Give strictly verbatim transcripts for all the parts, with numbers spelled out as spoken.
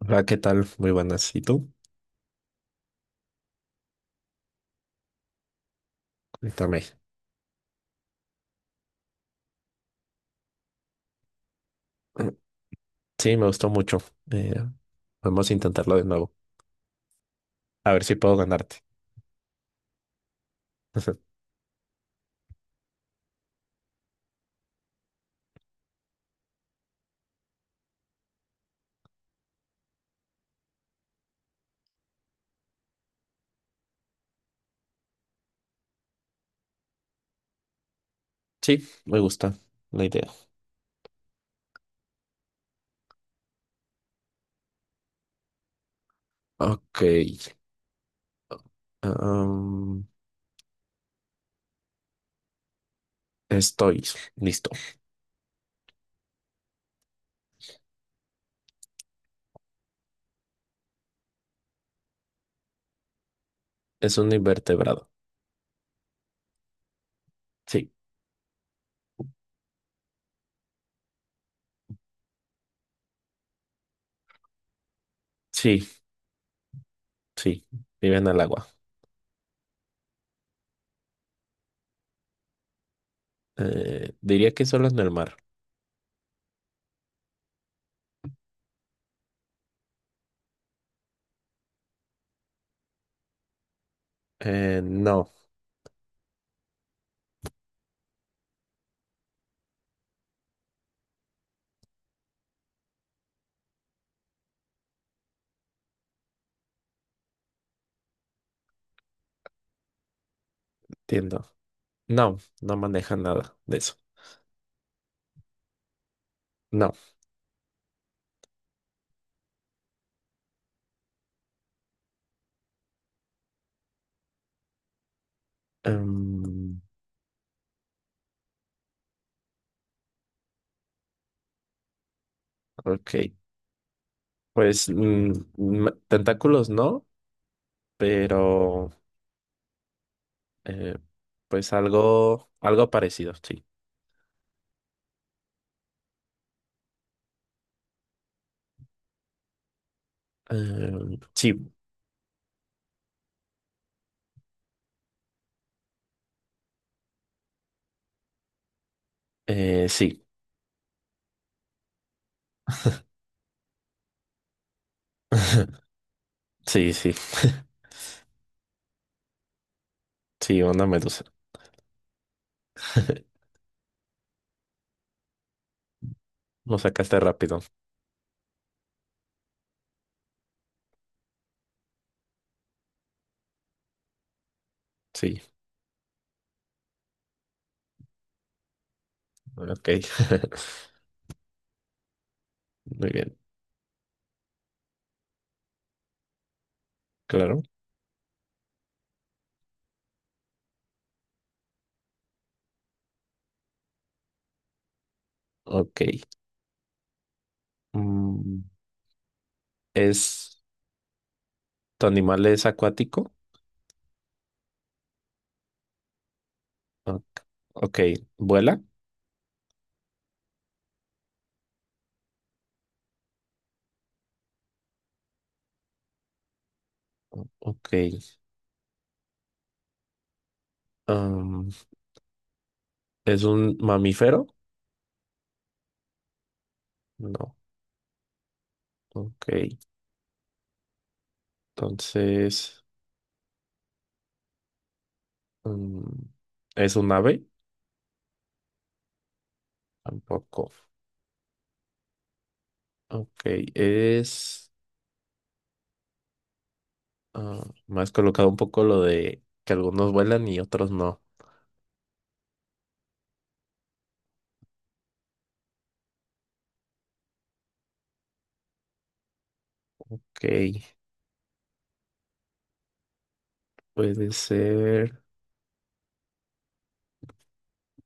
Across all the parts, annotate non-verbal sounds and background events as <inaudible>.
Hola, ¿qué tal? Muy buenas. ¿Y tú? Cuéntame. Mm, sí, me gustó mucho. Eh, Vamos a intentarlo de nuevo. A ver si puedo ganarte. <laughs> Sí, me gusta la idea. Ok. am, Estoy listo. Es un invertebrado. Sí, sí, sí. Viven al agua. Eh, diría que solo en el mar. Eh, no, entiendo. No, no manejan nada de eso. No. Em, ok. Pues mm, ma- tentáculos no. Pero eh, pues algo, algo parecido, sí. Em, sí, eh, sí, <laughs> sí, sí, <laughs> sí, una medusa. <laughs> Lo sacaste rápido, sí, ok, <laughs> muy bien, claro, ok. Mm, ¿es, ¿tu animal es acuático? Ok, ok, ¿vuela? Ok, um, ¿es un mamífero? No, ok, entonces, um, ¿es un ave? Tampoco. Ok, es... ah, me has colocado un poco lo de que algunos vuelan y otros no. Ok, puede ser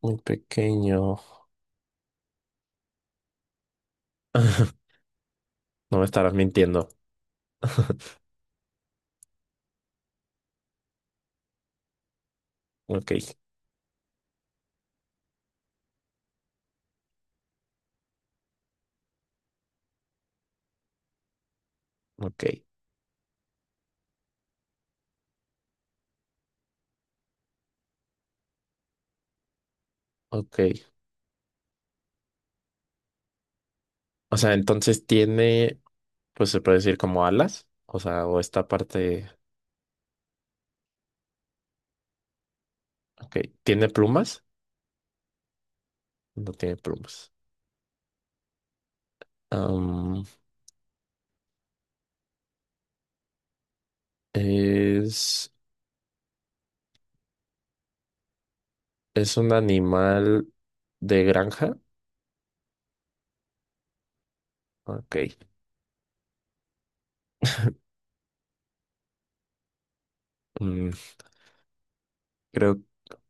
muy pequeño. <laughs> No me estarás mintiendo. <laughs> Ok, ok, ok. O sea, entonces tiene, pues se puede decir como alas. O sea, o esta parte. Ok, ¿tiene plumas? No tiene plumas. Am, es, es un animal de granja. Ok. mm, creo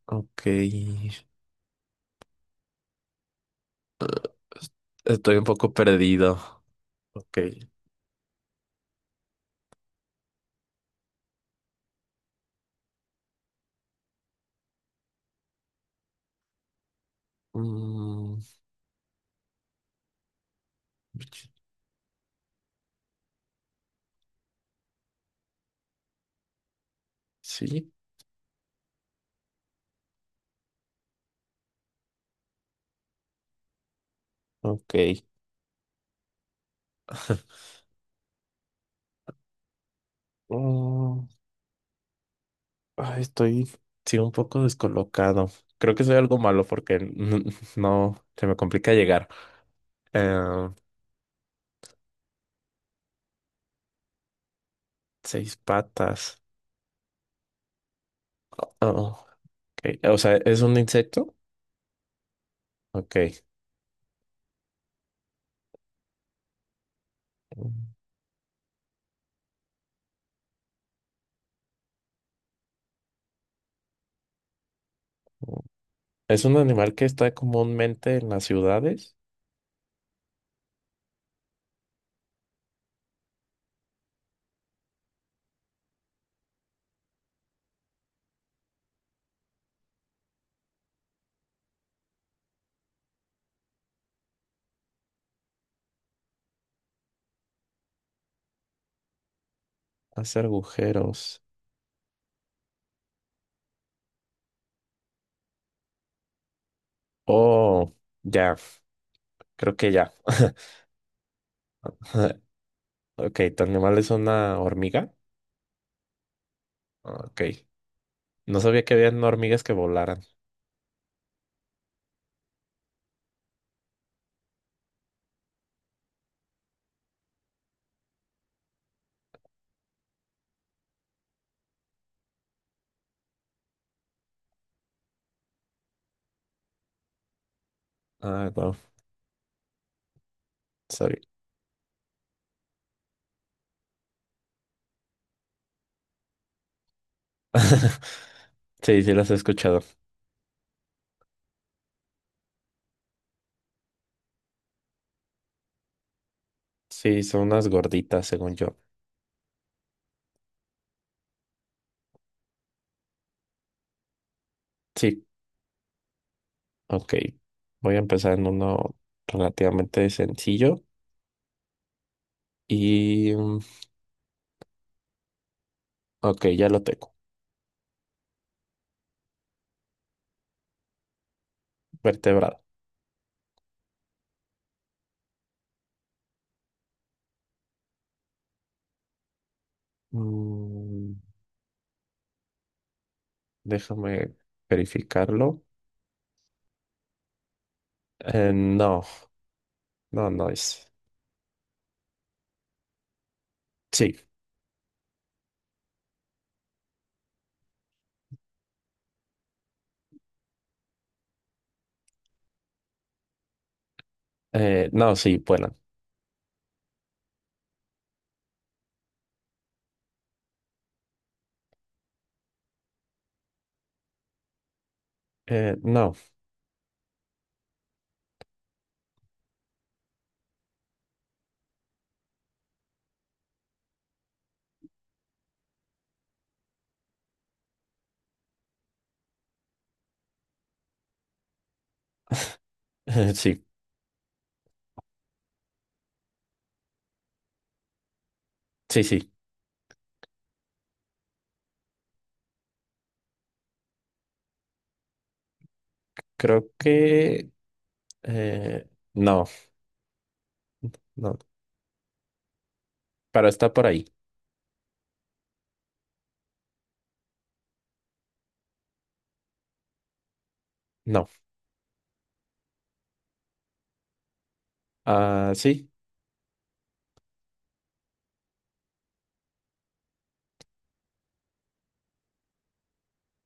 Ok, estoy un poco perdido. Ok. Mm, sí, ok. <laughs> Mm, ay, estoy, sí, un poco descolocado. Creo que soy algo malo porque n- <laughs> no, se me complica llegar. Eh, Seis patas. Oh, ok. O sea, ¿es un insecto? Ok. Mm, ¿es un animal que está comúnmente en las ciudades? Hace agujeros. Oh, ya, creo que ya. <laughs> <laughs> Ok, tu animal es una hormiga. Ah, ok. No sabía que habían hormigas que volaran. Ah, no, sabía. <laughs> Sí, sí las he escuchado. Sí, son unas gorditas, según yo. Sí, ok. Voy a empezar en uno relativamente sencillo. Y, mm, ok, ya lo tengo. Vertebrado. Mm, déjame verificarlo. Eh, no, no, no es. Sí. Eh, no, sí, vuelan. Eh, no, <laughs> sí, sí, sí. Creo que eh, No, no, pero está por ahí. No. Ah, sí,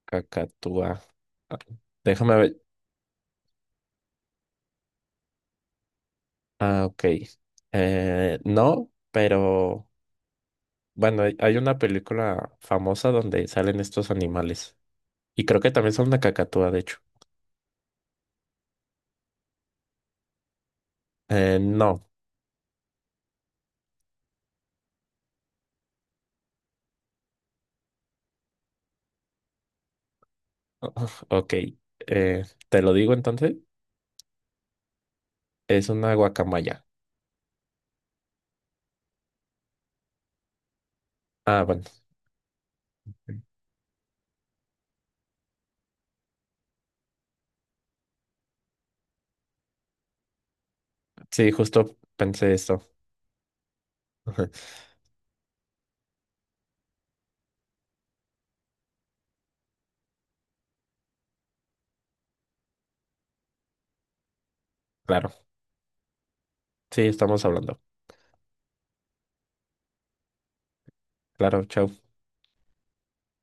cacatúa. Ah, déjame ver. Ah, ok. Eh, no, pero bueno, hay hay una película famosa donde salen estos animales. Y creo que también son una cacatúa, de hecho. Eh, no. <laughs> Ok. Eh, te lo digo entonces. Es una guacamaya. Ah, bueno. Sí, justo pensé esto. <laughs> Claro. Sí, estamos hablando. Claro, chao.